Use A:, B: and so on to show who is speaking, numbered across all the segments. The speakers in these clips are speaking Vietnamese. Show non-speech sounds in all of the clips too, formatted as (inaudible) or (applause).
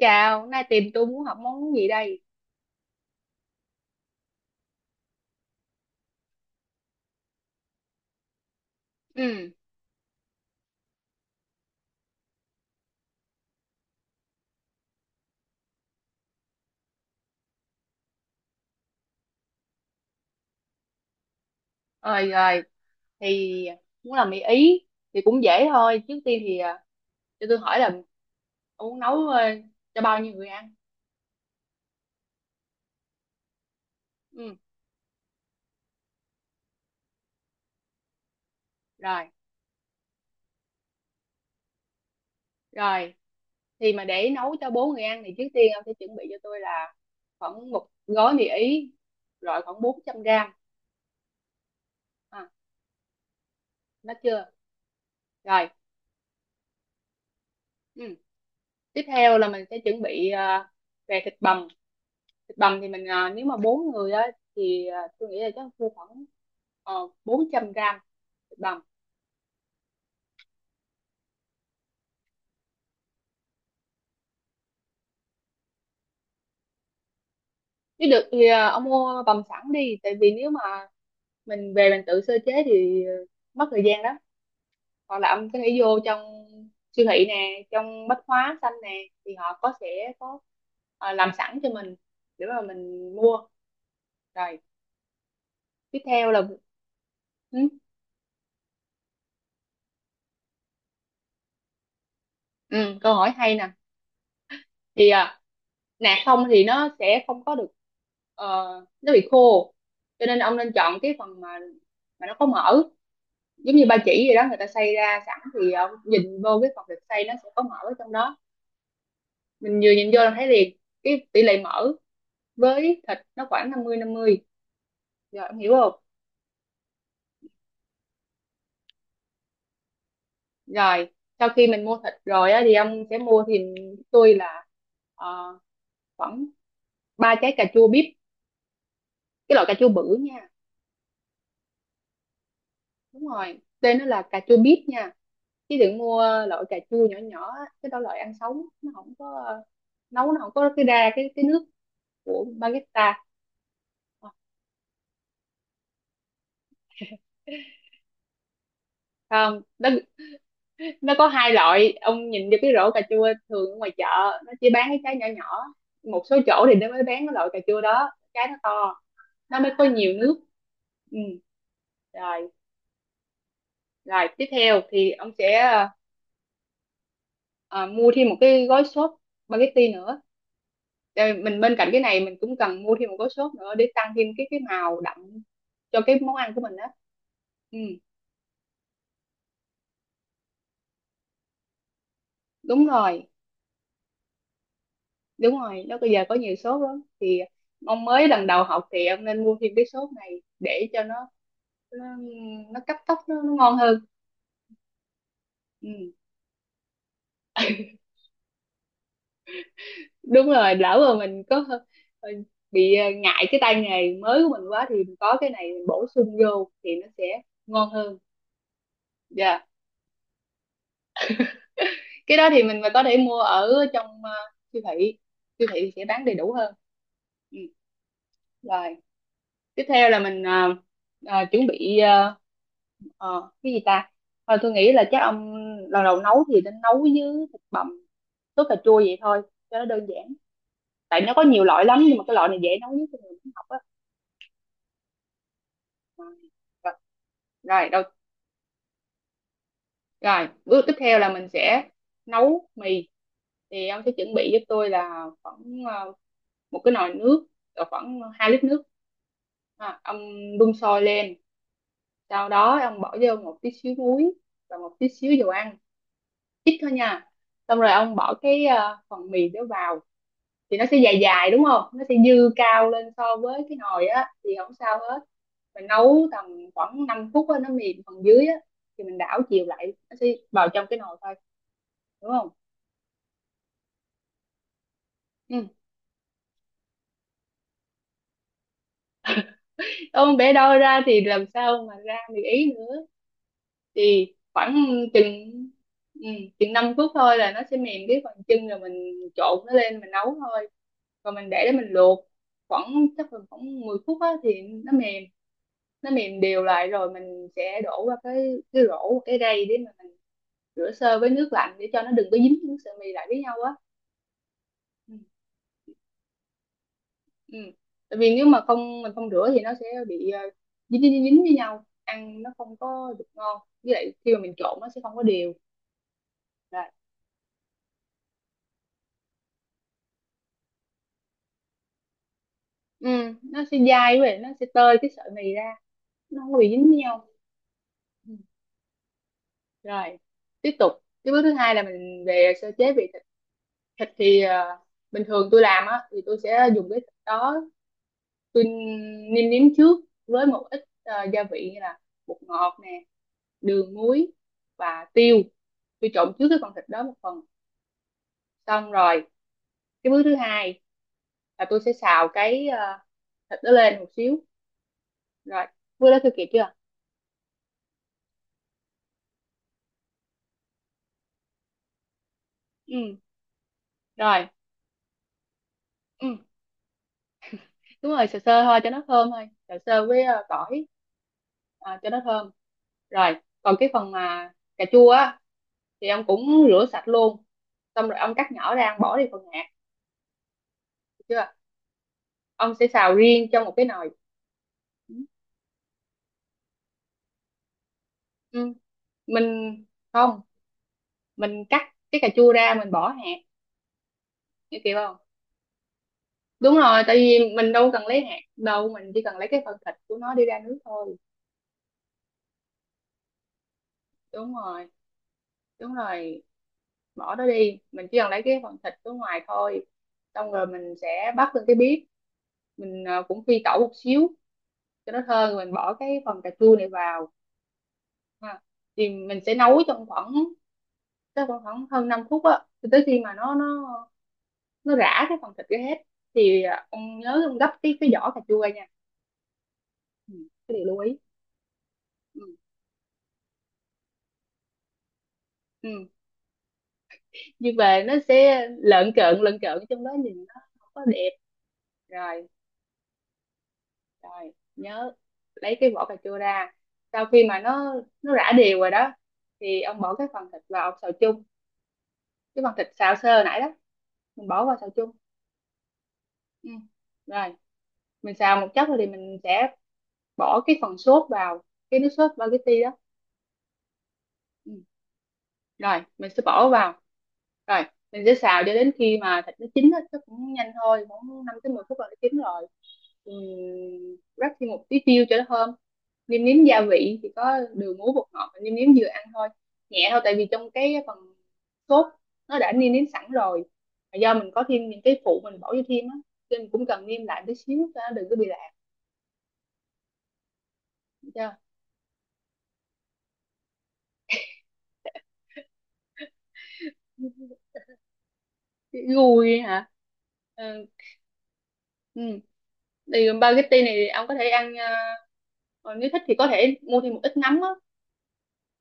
A: Chào, nay tìm tôi muốn học món gì đây? Ừ, rồi rồi, thì muốn làm mì Ý thì cũng dễ thôi. Trước tiên thì cho tôi hỏi là ông muốn nấu cho bao nhiêu người ăn? Ừ, rồi, rồi. Thì mà để nấu cho bốn người ăn thì trước tiên ông sẽ chuẩn bị cho tôi là khoảng một gói mì Ý, loại khoảng 400 gram. À, nó chưa? Rồi, ừ. Tiếp theo là mình sẽ chuẩn bị về thịt bằm. Thì mình nếu mà bốn người á thì tôi nghĩ là chắc mua khoảng 400 gram thịt bằm. Nếu được thì ông mua bằm sẵn đi, tại vì nếu mà mình về mình tự sơ chế thì mất thời gian lắm. Hoặc là ông có thể vô trong siêu thị nè, trong bách hóa xanh nè, thì họ có sẽ có làm sẵn cho mình để mà mình mua. Rồi tiếp theo là ừ, ừ, câu hỏi hay nè. Thì nạc không thì nó sẽ không có được, ờ, nó bị khô, cho nên ông nên chọn cái phần mà nó có mỡ, giống như ba chỉ gì đó người ta xay ra sẵn. Thì ông nhìn vô cái phần thịt xay nó sẽ có mỡ ở trong đó, mình vừa nhìn vô là thấy liền. Cái tỷ lệ mỡ với thịt nó khoảng 50-50, rồi ông hiểu không. Rồi sau khi mình mua thịt rồi á thì ông sẽ mua thì tôi là ờ, khoảng ba trái cà chua bíp, cái loại cà chua bự nha. Đúng rồi, tên nó là cà chua bíp nha, chứ đừng mua loại cà chua nhỏ nhỏ á. Cái đó loại ăn sống, nó không có nấu nó không có cái ra cái nước của baguette. Không, nó có hai loại. Ông nhìn vô cái rổ cà chua thường ở ngoài chợ, nó chỉ bán cái trái nhỏ nhỏ. Một số chỗ thì nó mới bán cái loại cà chua đó, trái nó to, nó mới có nhiều nước. Ừ. Rồi rồi, tiếp theo thì ông sẽ mua thêm một cái gói sốt spaghetti nữa. Rồi mình bên cạnh cái này mình cũng cần mua thêm một gói sốt nữa để tăng thêm cái màu đậm cho cái món ăn của mình á. Ừ, đúng rồi đúng rồi, nó bây giờ có nhiều sốt lắm. Thì ông mới lần đầu học thì ông nên mua thêm cái sốt này để cho nó, nó cấp tốc, nó ngon hơn. Ừ, đúng rồi, lỡ mà mình có ờ, bị ngại cái tay nghề mới của mình quá thì mình có cái này mình bổ sung vô thì nó sẽ ngon hơn. Dạ, cái đó thì mình mà có thể mua ở trong siêu thị sẽ bán đầy đủ hơn. Ừ. Rồi tiếp theo là mình chuẩn bị cái gì ta. Thôi tôi nghĩ là chắc ông lần đầu nấu thì nên nấu với thịt bằm sốt cà chua vậy thôi cho nó đơn giản, tại nó có nhiều loại lắm nhưng mà cái loại này dễ nấu nhất cho người muốn học á. Ờ, rồi rồi đầu, rồi bước tiếp theo là mình sẽ nấu mì. Thì ông sẽ chuẩn bị giúp tôi là khoảng một cái nồi nước cỡ khoảng 2 lít nước. Ông đun sôi lên, sau đó ông bỏ vô một tí xíu muối và một tí xíu dầu ăn, ít thôi nha. Xong rồi ông bỏ cái phần mì đó vào, thì nó sẽ dài dài đúng không, nó sẽ dư cao lên so với cái nồi á thì không sao hết. Mình nấu tầm khoảng 5 phút á, nó mềm phần dưới á thì mình đảo chiều lại, nó sẽ vào trong cái nồi thôi, đúng không. Ừ. Ôm bé đo ra thì làm sao mà ra được ý nữa. Thì khoảng chừng ừ, chừng 5 phút thôi là nó sẽ mềm cái phần chân, rồi mình trộn nó lên mình nấu thôi. Rồi mình để mình luộc khoảng chắc là khoảng 10 phút á thì nó mềm. Nó mềm đều lại rồi mình sẽ đổ qua cái rổ cái rây, để mà mình rửa sơ với nước lạnh để cho nó đừng có dính nước sợi mì lại với nhau á. Ừ. Ừ. Tại vì nếu mà không mình không rửa thì nó sẽ bị dính dính dính với nhau, ăn nó không có được ngon, với lại khi mà mình trộn nó sẽ không có đều. Rồi. Ừ, nó sẽ dai, với lại nó sẽ tơi cái sợi mì ra, nó không có bị dính với nhau. Ừ. Rồi tiếp tục, cái bước thứ hai là mình về sơ chế vị thịt thịt Thì bình thường tôi làm á thì tôi sẽ dùng cái thịt đó, tôi nêm nếm trước với một ít gia vị như là bột ngọt nè, đường muối và tiêu. Tôi trộn trước cái con thịt đó một phần, xong rồi cái bước thứ hai là tôi sẽ xào cái thịt đó lên một xíu. Rồi bước đó tôi kịp chưa. Ừ. Rồi. Ừ. Đúng rồi, sờ sơ thôi cho nó thơm thôi, sờ sơ với tỏi, cho nó thơm. Rồi còn cái phần mà cà chua á thì ông cũng rửa sạch luôn, xong rồi ông cắt nhỏ ra, ông bỏ đi phần hạt, được chưa. Ông sẽ xào riêng trong một cái nồi. Ừ. Mình, không, mình cắt cái cà chua ra mình bỏ hạt như kiểu. Không, đúng rồi, tại vì mình đâu cần lấy hạt đâu, mình chỉ cần lấy cái phần thịt của nó đi ra nước thôi. Đúng rồi. Đúng rồi, bỏ nó đi, mình chỉ cần lấy cái phần thịt ở ngoài thôi. Xong rồi mình sẽ bắt lên cái bếp, mình cũng phi tẩu một xíu cho nó thơm, rồi mình bỏ cái phần cà chua này vào ha. Thì mình sẽ nấu trong khoảng chắc khoảng khoảng hơn 5 phút á, cho tới khi mà nó rã cái phần thịt ra hết. Thì ông nhớ ông gấp cái vỏ cà chua nha. Ừ. Cái điều lưu ý. Ừ. Ừ. Nhưng mà nó sẽ lợn cợn trong đó, nhìn nó không có đẹp. Rồi. Rồi nhớ lấy cái vỏ cà chua ra. Sau khi mà nó rã đều rồi đó, thì ông bỏ cái phần thịt vào, ông xào chung, cái phần thịt xào sơ nãy đó mình bỏ vào xào chung. Ừ. Rồi mình xào một chốc rồi thì mình sẽ bỏ cái phần sốt vào, cái nước sốt spaghetti đó. Ừ. Rồi mình sẽ bỏ vào, rồi mình sẽ xào cho đến khi mà thịt nó chín á, nó cũng nhanh thôi, khoảng 5 tới 10 phút là nó chín rồi. Rắc thêm một tí tiêu cho nó thơm, nêm nếm gia vị thì có đường muối bột ngọt, nêm nếm vừa ăn thôi, nhẹ thôi, tại vì trong cái phần sốt nó đã nêm nếm sẵn rồi. Mà do mình có thêm những cái phụ mình bỏ vô thêm á, cho nên mình cũng cần nêm lại tí xíu cho nó đừng có bị lạc. Được chưa. Chữ gùi hả? Ờ, ừ. Thì spaghetti này ông có thể ăn còn nếu thích thì có thể mua thêm một ít nấm á.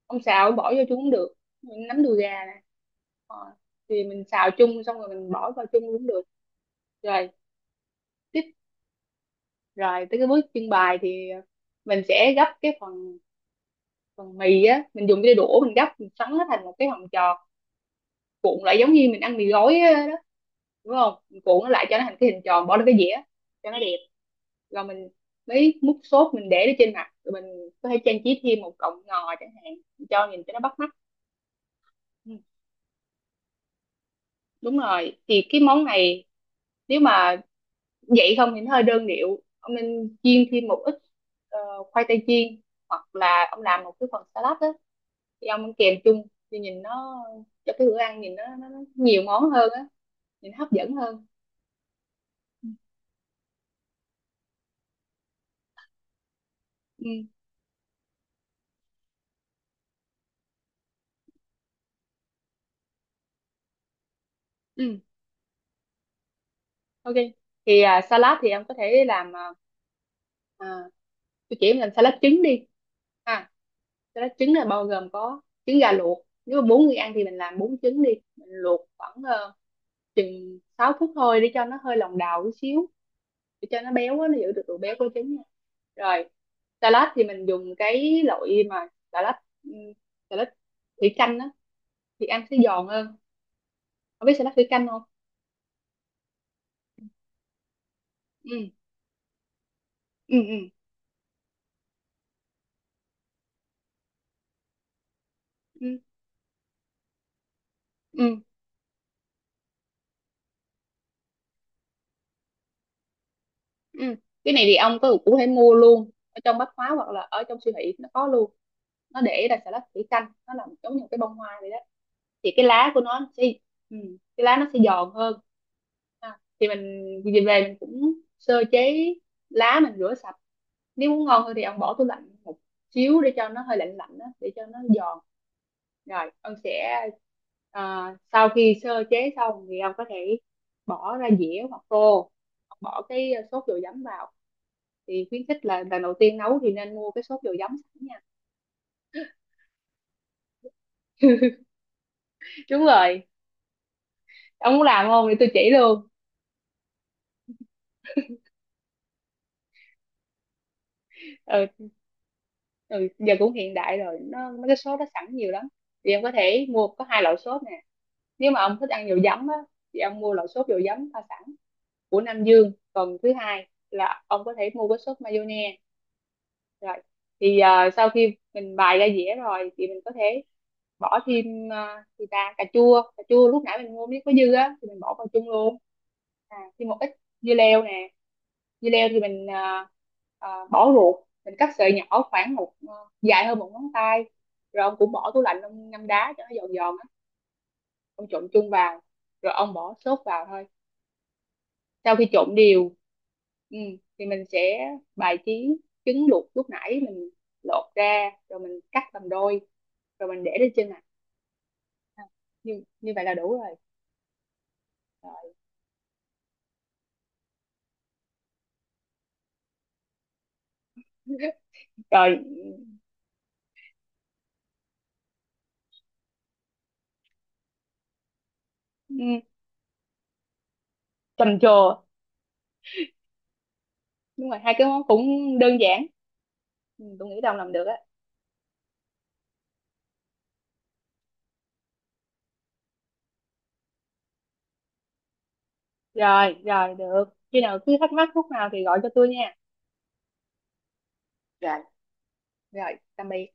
A: Ông xào bỏ vô chung cũng được. Nấm đùi gà nè. Ờ, Thì mình xào chung xong rồi mình bỏ vào chung cũng được. Rồi, tiếp, rồi tới cái bước trưng bày thì mình sẽ gấp cái phần phần mì á, mình dùng cái đũa mình gấp mình xoắn nó thành một cái hình tròn, cuộn lại giống như mình ăn mì gói đó, đúng không, mình cuộn nó lại cho nó thành cái hình tròn bỏ lên cái dĩa cho nó đẹp. Rồi mình mới múc sốt mình để lên trên mặt, rồi mình có thể trang trí thêm một cọng ngò chẳng hạn, cho nhìn cho nó bắt mắt. Ừ, đúng rồi, thì cái món này nếu mà vậy không thì nó hơi đơn điệu, ông nên chiên thêm một ít ờ, khoai tây chiên, hoặc là ông làm một cái phần salad đó thì ông ăn kèm chung, thì nhìn nó, cho cái bữa ăn nhìn nó nhiều món hơn á, nhìn hấp dẫn hơn. Ừ. Ừ. Ok, thì salad thì em có thể làm à, tôi chỉ em làm salad trứng đi ha. Salad trứng là bao gồm có trứng gà luộc. Nếu mà bốn người ăn thì mình làm bốn trứng đi, mình luộc khoảng chừng 6 phút thôi, để cho nó hơi lòng đào chút xíu, để cho nó béo á, nó giữ được độ béo của trứng nha. Rồi salad thì mình dùng cái loại mà salad ừm, salad thủy canh á, thì ăn sẽ giòn hơn. Không biết salad thủy canh không. Ừ. Ừ. Ừ. Ừ. Ừ. Ừ. Cái này thì ông có cũng có thể mua luôn ở trong bách hóa hoặc là ở trong siêu thị nó có luôn. Nó để là xà lách thủy canh, nó làm giống như một cái bông hoa vậy đó, thì cái lá của nó sẽ, ừ, cái lá nó sẽ giòn hơn ha. Thì mình về về mình cũng sơ chế lá, mình rửa sạch. Nếu muốn ngon hơn thì ông bỏ tủ lạnh một xíu để cho nó hơi lạnh lạnh đó, để cho nó giòn. Rồi ông sẽ ờ, sau khi sơ chế xong thì ông có thể bỏ ra dĩa hoặc tô, bỏ cái sốt dầu giấm vào. Thì khuyến khích là lần đầu tiên nấu thì nên mua cái sốt dầu giấm sẵn nha. Đúng rồi, ông muốn làm không thì tôi chỉ luôn. Ừ, ừ, giờ cũng hiện đại rồi, nó mấy cái sốt nó sẵn nhiều lắm, thì em có thể mua có hai loại sốt nè. Nếu mà ông thích ăn dầu giấm á thì ông mua loại sốt dầu giấm pha sẵn của Nam Dương, còn thứ hai là ông có thể mua cái sốt mayonnaise. Rồi thì sau khi mình bày ra dĩa rồi thì mình có thể bỏ thêm gì ta, cà chua lúc nãy mình mua miếng có dư á thì mình bỏ vào chung luôn. Thêm một ít dưa leo nè. Dưa leo thì mình bỏ ruột, mình cắt sợi nhỏ khoảng dài hơn một ngón tay, rồi ông cũng bỏ tủ lạnh ông ngâm đá cho nó giòn giòn á, ông trộn chung vào. Rồi ông bỏ sốt vào thôi. Sau khi trộn đều, ừ, thì mình sẽ bài trí, trứng luộc lúc nãy mình lột ra rồi mình cắt làm đôi, rồi mình để lên trên mặt, như như vậy là đủ rồi. Rồi, (laughs) rồi. Ừ, trầm trồ. Đúng rồi, hai cái món cũng đơn giản, ừ, tôi nghĩ Đồng làm được á. Rồi rồi, được, khi nào cứ thắc mắc lúc nào thì gọi cho tôi nha. Rồi, rồi tạm biệt.